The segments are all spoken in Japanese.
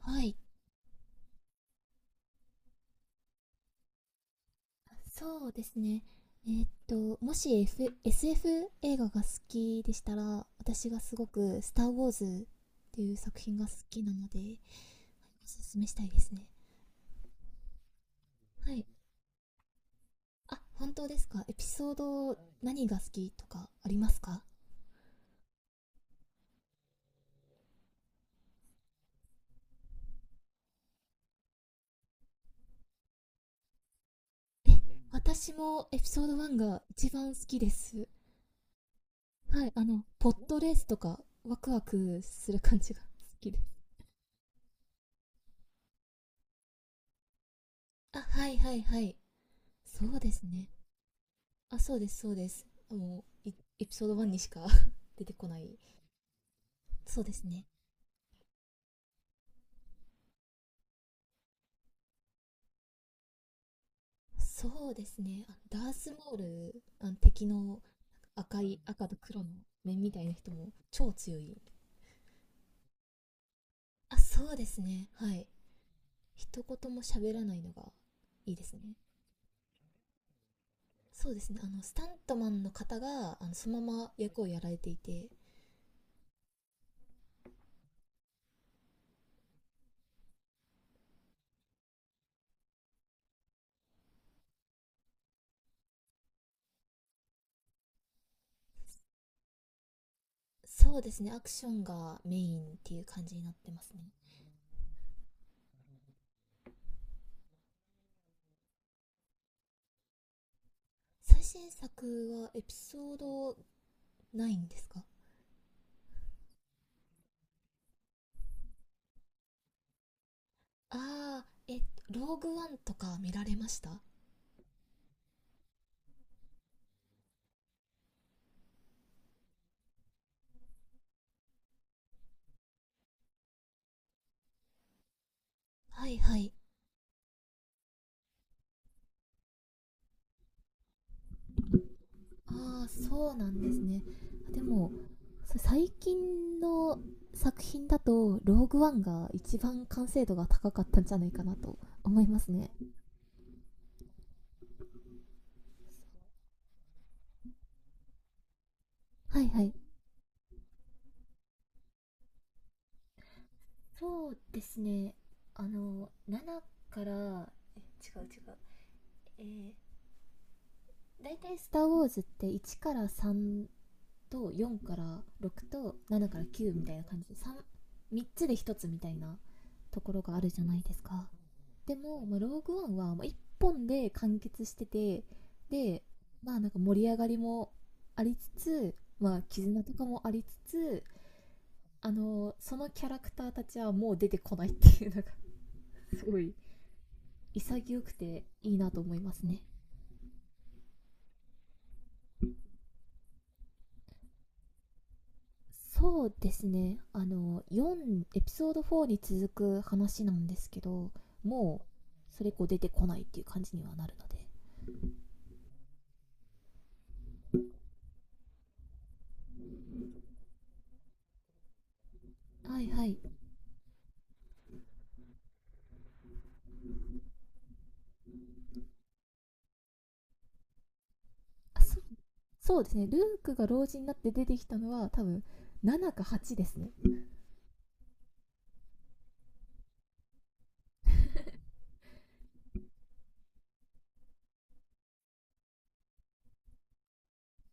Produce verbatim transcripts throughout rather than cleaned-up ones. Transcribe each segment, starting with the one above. はい。そうですね。えーっと、もし、F、エスエフ 映画が好きでしたら、私がすごく、スター・ウォーズっていう作品が好きなので、おすすめしたいですね。はい。あ、本当ですか？エピソード何が好きとかありますか？え、私もエピソードワンが一番好きです。はい、あの、ポットレースとか、ワクワクする感じが好きです。あ、はいはいはい。そうですね。あ、そうです、そうです。もう、いエピソードいちにしか 出てこない。そうですね。そうですね。あ、ダースモール、あの敵の赤い、赤と黒の面みたいな人も超強い。あ、そうですね。はい。一言も喋らないのがいいですね。そうですね。あの、スタントマンの方が、あの、そのまま役をやられていて、そうですね。アクションがメインっていう感じになってますね。最新作はエピソードないんですか？ああ、え、ローグワンとか見られました？はいはい。ああ、そうなんですね。でも、さ最近の作品だと、ローグワンが一番完成度が高かったんじゃないかなと思いますね。はいはい。そうですね。あの、7から、え違う違う。えー、だいたいスター・ウォーズっていちからさんとよんからろくとななからきゅうみたいな感じで、 3, みっつでひとつみたいなところがあるじゃないですか。でも、まあ、ローグワンはもいっぽんで完結してて、で、まあ、なんか盛り上がりもありつつ、まあ絆とかもありつつ、あのそのキャラクターたちはもう出てこないっていうのが すごい潔くていいなと思いますね。そうですね。あの4エピソードよんに続く話なんですけど、もうそれ以降出てこないっていう感じにはなるので。はいはい。あ、そそうですね。ルークが老人になって出てきたのは多分ななかはちですね。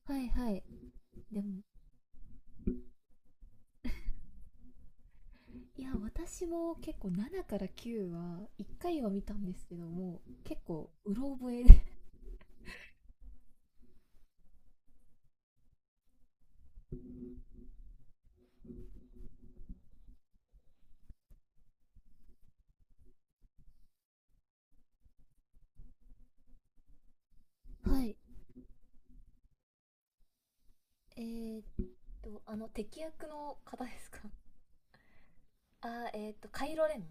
はいはい。でも、いや、私も結構ななからきゅうはいっかいは見たんですけども、結構うろ覚えで はい。えー、っとあの敵役の方ですか？あー、えっ、ーと、カイロレン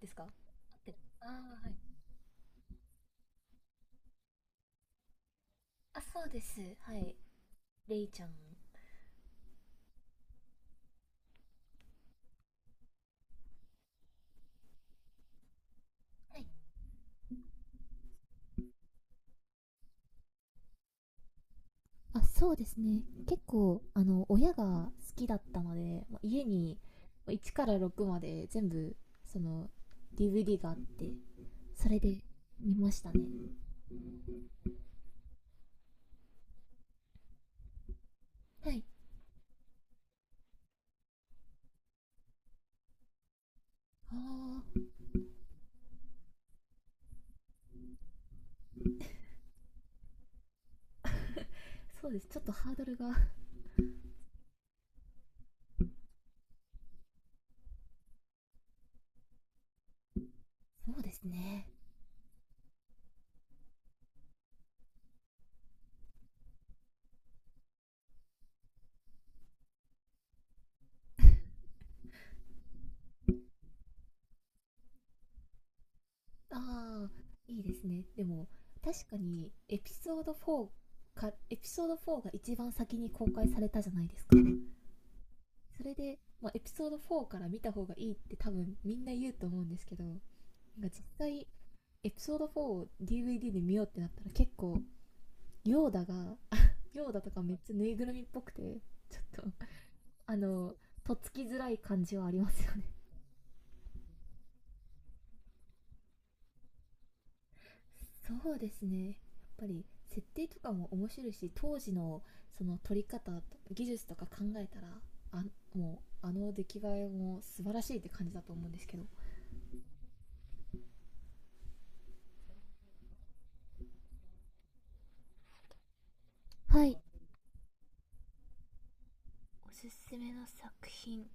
ですか？合ってる？あー、はい。あ、そうです。はい。レイちゃん。はい。あ、そうですね。結構あの親が好きだったので、まあ家にいちからろくまで全部その ディーブイディー があって、それで見ましたね。はい。ああ、そうです。ちょっとハードルが。そうですね。ああ、いいですね。でも、確かに、エピソードフォーかエピソードよんが一番先に公開されたじゃないですか。それで、まあ、エピソードよんから見た方がいいって多分みんな言うと思うんですけど、なんか実際、エピソードよんを ディーブイディー で見ようってなったら結構、ヨーダが ヨーダとかめっちゃぬいぐるみっぽくて、ちょっと あの、とっつきづらい感じはありますよね。そうですね。やっぱり、設定とかも面白いし、当時のその撮り方、技術とか考えたら、あ、もう、あの出来栄えも素晴らしいって感じだと思うんですけど。はい、おすすめの作品、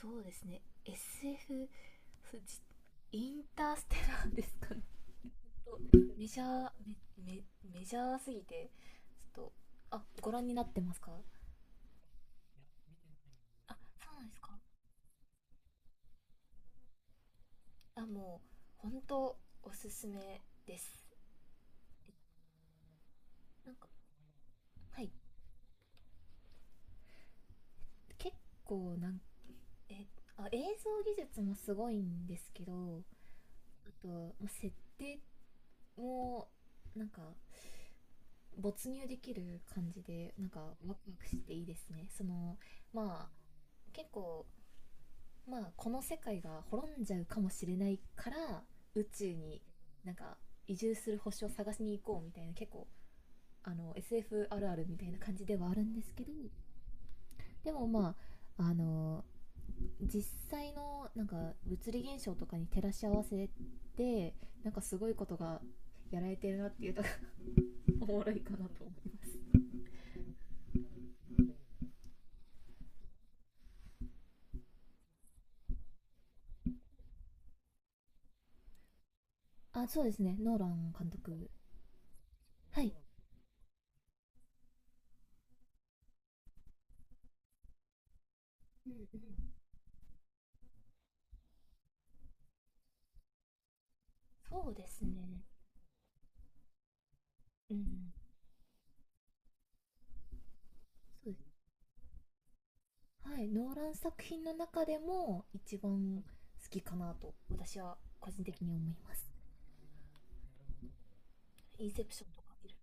そうですね。 エスエフ そうじインターステラーですかね。メジャーメメメジャーすぎて、ちょっと、あ、ご覧になってますか？あ、そうなんですか？あ、もう本当おすすめです。なんか、はい、結構、なんえあ映像技術もすごいんですけど、あと、ま、設定もなんか没入できる感じで、なんかワクワクしていいですね。その、まあ結構、まあこの世界が滅んじゃうかもしれないから宇宙になんか移住する星を探しに行こうみたいな、結構あの エスエフ あるあるみたいな感じではあるんですけど。でも、まあ、あの実際のなんか物理現象とかに照らし合わせて、なんかすごいことがやられてるなっていうところが おもろいかなと思います。あ、そうですね。ノーラン監督。はい、そうですね。うん、そうです。はい、ノーラン作品の中でも一番好きかなと私は個人的に思います。インセプションとかいる。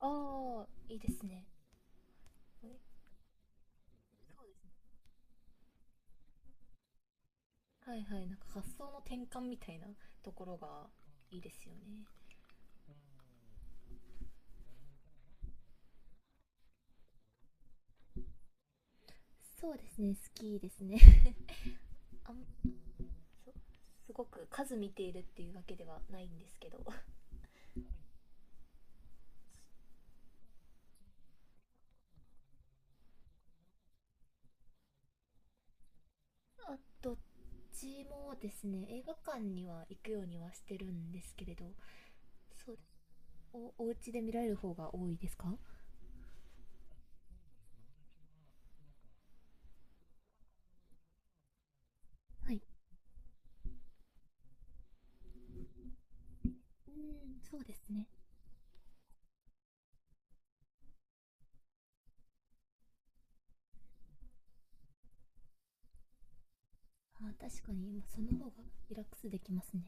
ああ、いいですね。これ、そうですね。はいはい、なんか発想の転換みたいなところがいいですよね。そうですね、好きですね。あんそすごく数見ているっていうわけではないんですけど あ、どっちもですね。映画館には行くようにはしてるんですけれど、そう、お、お家で見られる方が多いですか？はい。うん、そうですね。あ、確かに、今その方がリラックスできますね。